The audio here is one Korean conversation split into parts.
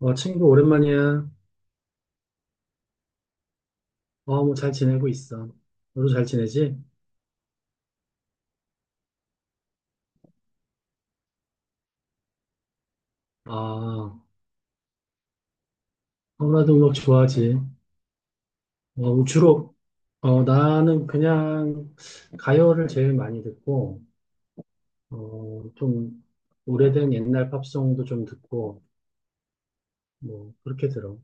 친구, 오랜만이야. 뭐, 잘 지내고 있어. 너도 잘 지내지? 아, 나도 음악 좋아하지. 뭐 주로, 나는 그냥 가요를 제일 많이 듣고, 좀, 오래된 옛날 팝송도 좀 듣고, 뭐, 그렇게 들어.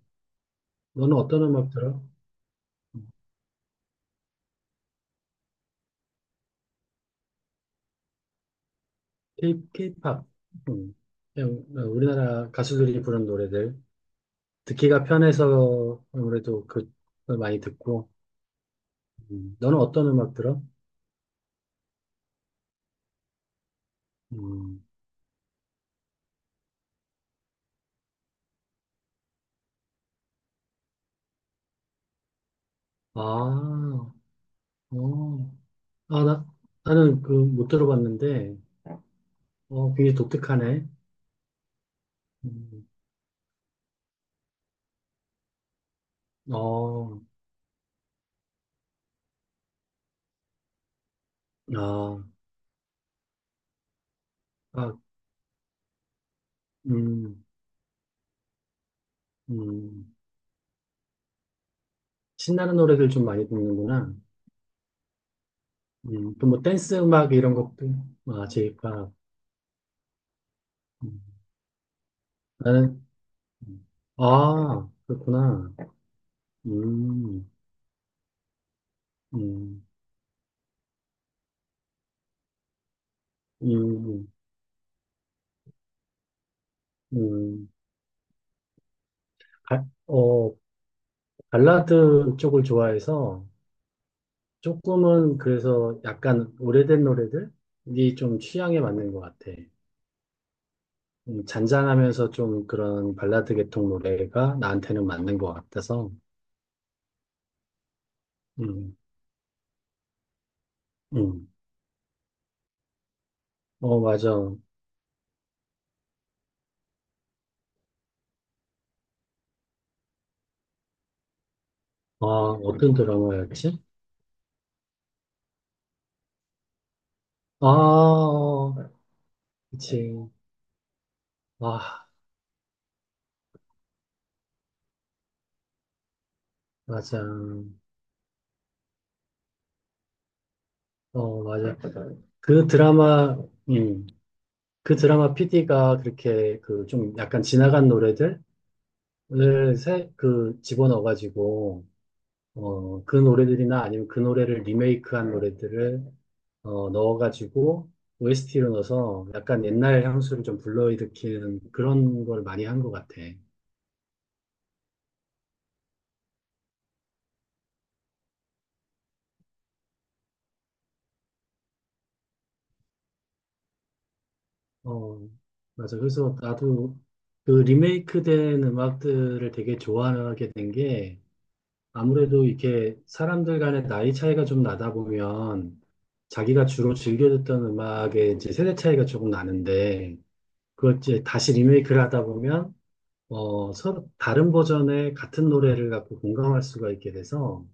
너는 어떤 음악 들어? K-팝. 음, 그냥 우리나라 가수들이 부른 노래들. 듣기가 편해서 아무래도 그, 걸 많이 듣고, 너는 어떤 음악 들어? 음. 아, 어. 아, 나는 그 못 들어봤는데, 굉장히 독특하네. 음, 어, 아, 아, 음, 음. 신나는 노래들 좀 많이 듣는구나. 또 뭐 댄스 음악 이런 것도, 아, 제이팝. 음, 나는, 아, 그렇구나. 음, 음, 음, 음. 가, 어, 발라드 쪽을 좋아해서, 조금은 그래서 약간 오래된 노래들이 좀 취향에 맞는 것 같아. 잔잔하면서 좀 그런 발라드 계통 노래가 나한테는 맞는 것 같아서. 음, 음. 맞아. 아, 어떤 드라마였지? 아, 어, 그치. 아, 맞아. 맞아. 그 드라마, 음, 그 드라마 PD가 그렇게 그 좀 약간 지나간 노래들을 그 집어넣어가지고 그 노래들이나 아니면 그 노래를 리메이크한 노래들을 넣어가지고 OST로 넣어서 약간 옛날 향수를 좀 불러일으키는 그런 걸 많이 한 것 같아. 어, 맞아. 그래서 나도 그 리메이크된 음악들을 되게 좋아하게 된 게 아무래도 이렇게 사람들 간의 나이 차이가 좀 나다 보면 자기가 주로 즐겨 듣던 음악의 이제 세대 차이가 조금 나는데 그걸 이제 다시 리메이크를 하다 보면 서로 다른 버전의 같은 노래를 갖고 공감할 수가 있게 돼서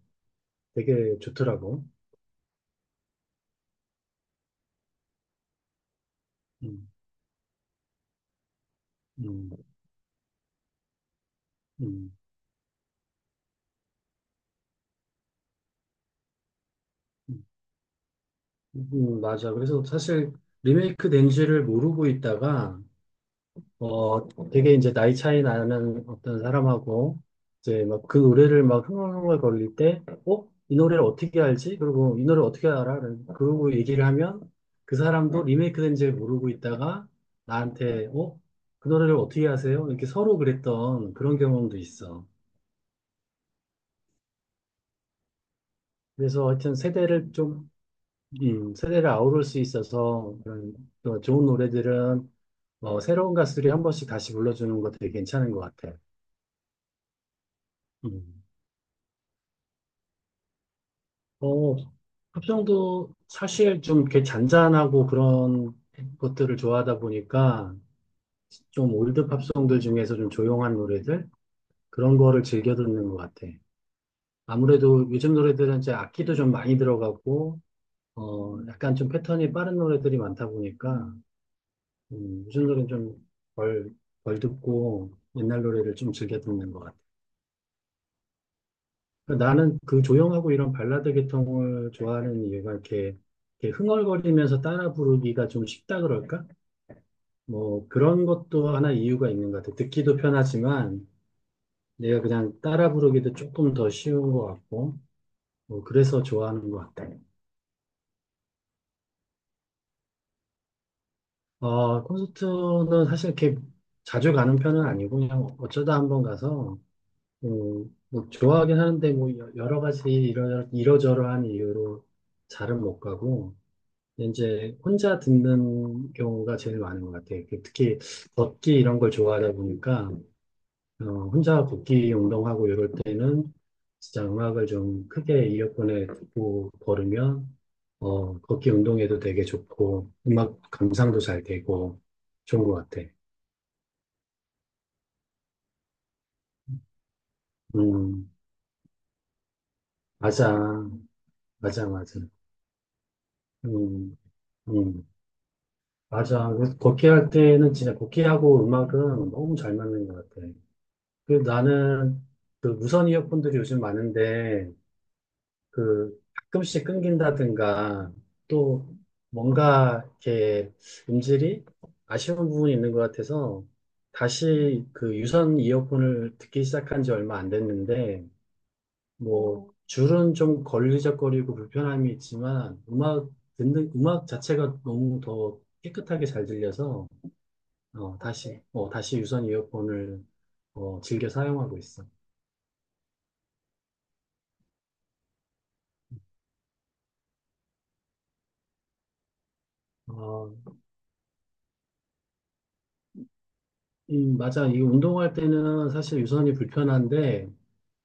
되게 좋더라고. 음, 음, 음, 음, 맞아. 그래서 사실 리메이크 된 지를 모르고 있다가 되게 이제 나이 차이 나는 어떤 사람하고 이제 막 그 노래를 막 흥얼흥얼거릴 때, 어? 이 노래를 어떻게 알지? 그리고 이 노래 어떻게 알아? 그러고 얘기를 하면 그 사람도 리메이크된 줄 모르고 있다가 나한테, 어? 그 노래를 어떻게 아세요? 이렇게 서로 그랬던 그런 경험도 있어. 그래서 하여튼 세대를 아우를 수 있어서 그런 또 좋은 노래들은 새로운 가수들이 한 번씩 다시 불러주는 것도 되게 괜찮은 것 같아. 음. 어, 합정도 사실 좀 이렇게 잔잔하고 그런 것들을 좋아하다 보니까 좀 올드 팝송들 중에서 좀 조용한 노래들 그런 거를 즐겨 듣는 것 같아. 아무래도 요즘 노래들은 이제 악기도 좀 많이 들어가고 약간 좀 패턴이 빠른 노래들이 많다 보니까 요즘 노래는 좀덜 덜 듣고 옛날 노래를 좀 즐겨 듣는 것 같아. 나는 그 조용하고 이런 발라드 계통을 좋아하는 이유가 이렇게 흥얼거리면서 따라 부르기가 좀 쉽다 그럴까? 뭐 그런 것도 하나 이유가 있는 것 같아. 듣기도 편하지만 내가 그냥 따라 부르기도 조금 더 쉬운 것 같고, 뭐 그래서 좋아하는 것 같아. 콘서트는 사실 이렇게 자주 가는 편은 아니고 그냥 어쩌다 한번 가서 뭐 좋아하긴 하는데 뭐 여러 가지 이러저러한 이유로 잘은 못 가고. 이제 혼자 듣는 경우가 제일 많은 것 같아요. 그 특히 걷기 이런 걸 좋아하다 보니까 혼자 걷기 운동하고 이럴 때는 진짜 음악을 좀 크게 이어폰에 듣고 걸으면 걷기 운동에도 되게 좋고 음악 감상도 잘 되고 좋은 것 같아. 음, 맞아, 맞아, 맞아. 음, 음, 맞아. 그래서 걷기 할 때는 진짜 걷기하고 음악은 너무 잘 맞는 것 같아. 그 나는 그 무선 이어폰들이 요즘 많은데 그 가끔씩 끊긴다든가 또 뭔가 이렇게 음질이 아쉬운 부분이 있는 것 같아서 다시 그 유선 이어폰을 듣기 시작한 지 얼마 안 됐는데 뭐 줄은 좀 걸리적거리고 불편함이 있지만 음악 듣는 음악 자체가 너무 더 깨끗하게 잘 들려서 다시 유선 이어폰을 즐겨 사용하고 있어. 맞아. 이 운동할 때는 사실 유선이 불편한데,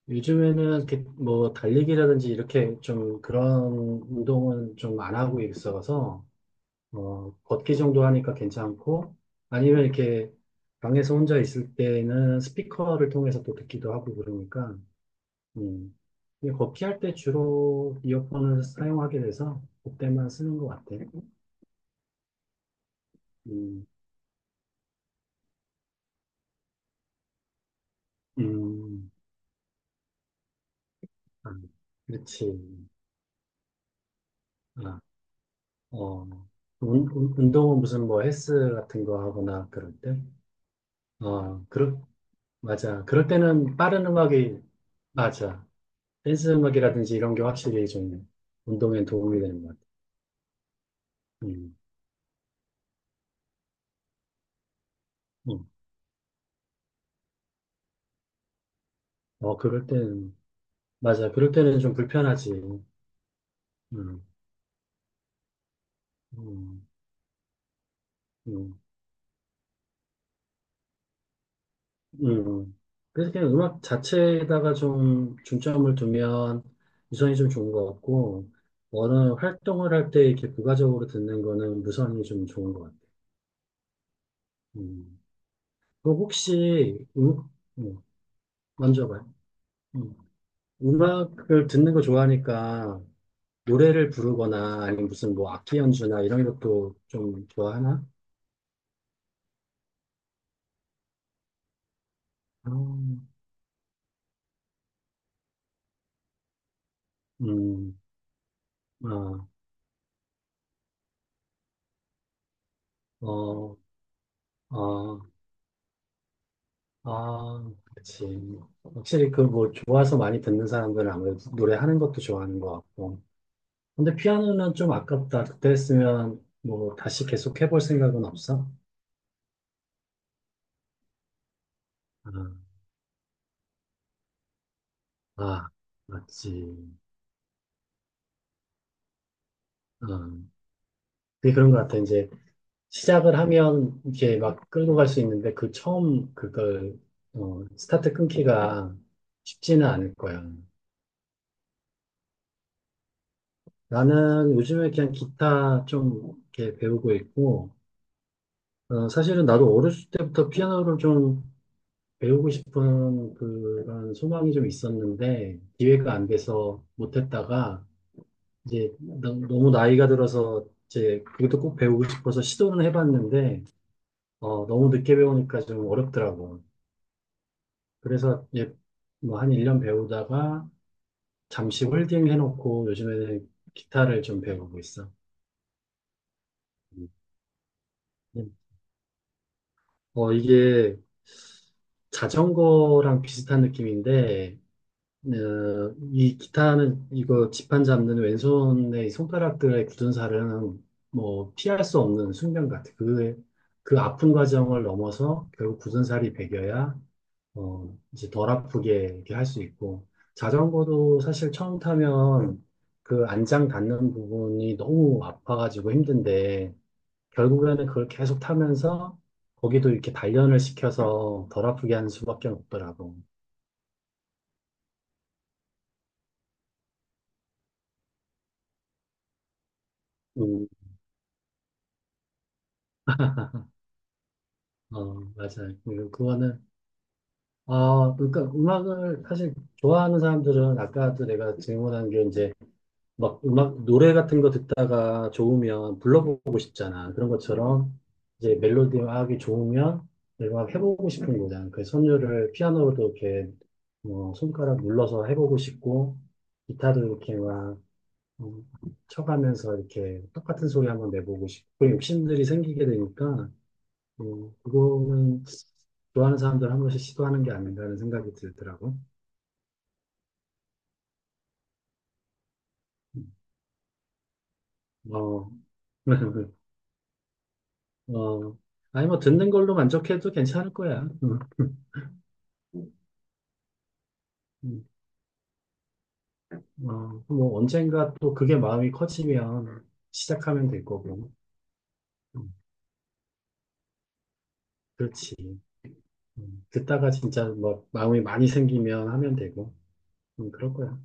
요즘에는 이렇게 뭐 달리기라든지 이렇게 좀 그런 운동은 좀 안 하고 있어서, 걷기 정도 하니까 괜찮고, 아니면 이렇게 방에서 혼자 있을 때는 스피커를 통해서 또 듣기도 하고 그러니까, 음. 근데 걷기 할 때 주로 이어폰을 사용하게 돼서 그때만 쓰는 것 같아. 음, 음, 아, 그렇지. 아. 어, 운동은 무슨 뭐 헬스 같은 거 하거나 그럴 때? 어, 그럴, 맞아. 그럴 때는 빠른 음악이, 맞아. 댄스 음악이라든지 이런 게 확실히 좀 운동에 도움이 되는 것 같아. 음, 음. 그럴 때는, 맞아. 그럴 때는 좀 불편하지. 음, 음, 음. 음. 그래서 그냥 음악 자체에다가 좀 중점을 두면 유선이 좀 좋은 것 같고, 어느 활동을 할 때 이렇게 부가적으로 듣는 거는 무선이 좀 좋은 것 같아. 음. 그 혹시 음, 먼저 봐요. 음. 음악을 듣는 거 좋아하니까 노래를 부르거나 아니면 무슨 뭐 악기 연주나 이런 것도 좀 좋아하나? 아, 음, 아, 어, 아, 아, 그치. 확실히 그 뭐 좋아서 많이 듣는 사람들은 아무래도 노래하는 것도 좋아하는 것 같고. 근데 피아노는 좀 아깝다. 그때 했으면 뭐 다시 계속 해볼 생각은 없어? 아, 아, 맞지. 아. 그게 그런 것 같아. 이제 시작을 하면 이렇게 막 끌고 갈 수 있는데 그 처음 그걸 스타트 끊기가 쉽지는 않을 거야. 나는 요즘에 그냥 기타 좀 이렇게 배우고 있고 사실은 나도 어렸을 때부터 피아노를 좀 배우고 싶은 그런 소망이 좀 있었는데 기회가 안 돼서 못했다가 이제 너무 나이가 들어서 이제 그것도 꼭 배우고 싶어서 시도는 해봤는데 너무 늦게 배우니까 좀 어렵더라고. 그래서 뭐한 1년 배우다가 잠시 홀딩 해놓고 요즘에는 기타를 좀 배우고 있어. 음. 이게 자전거랑 비슷한 느낌인데, 어, 이 기타는 이거 지판 잡는 왼손의 이 손가락들의 굳은 살은 뭐 피할 수 없는 숙명 같아. 그 아픈 과정을 넘어서 결국 굳은 살이 배겨야 이제 덜 아프게 이렇게 할 수 있고, 자전거도 사실 처음 타면 그 안장 닿는 부분이 너무 아파가지고 힘든데, 결국에는 그걸 계속 타면서 거기도 이렇게 단련을 시켜서 덜 아프게 하는 수밖에 없더라고. 음, 어, 맞아요. 그리고 그거는, 그러니까 음악을 사실 좋아하는 사람들은 아까도 내가 질문한 게 이제 막 음악, 노래 같은 거 듣다가 좋으면 불러보고 싶잖아. 그런 것처럼 이제 멜로디가학이 좋으면 내가 해보고 싶은 거잖아. 그 선율을 피아노로도 이렇게 뭐 손가락 눌러서 해보고 싶고, 기타도 이렇게 막 음, 쳐가면서 이렇게 똑같은 소리 한번 내보고 싶고, 그런 욕심들이 생기게 되니까, 그거는 좋아하는 사람들 한 번씩 시도하는 게 아닌가 하는 생각이 들더라고. 음, 어. 어, 아니, 뭐, 듣는 걸로 만족해도 괜찮을 거야. 응. 응. 뭐, 언젠가 또 그게 마음이 커지면 시작하면 될 거고. 응. 그렇지. 응. 듣다가 진짜 뭐, 마음이 많이 생기면 하면 되고. 응, 그럴 거야.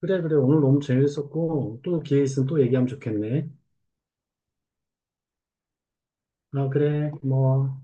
그래, 그래. 오늘 너무 재밌었고, 또 기회 있으면 또 얘기하면 좋겠네. 아, 그래. 고마워.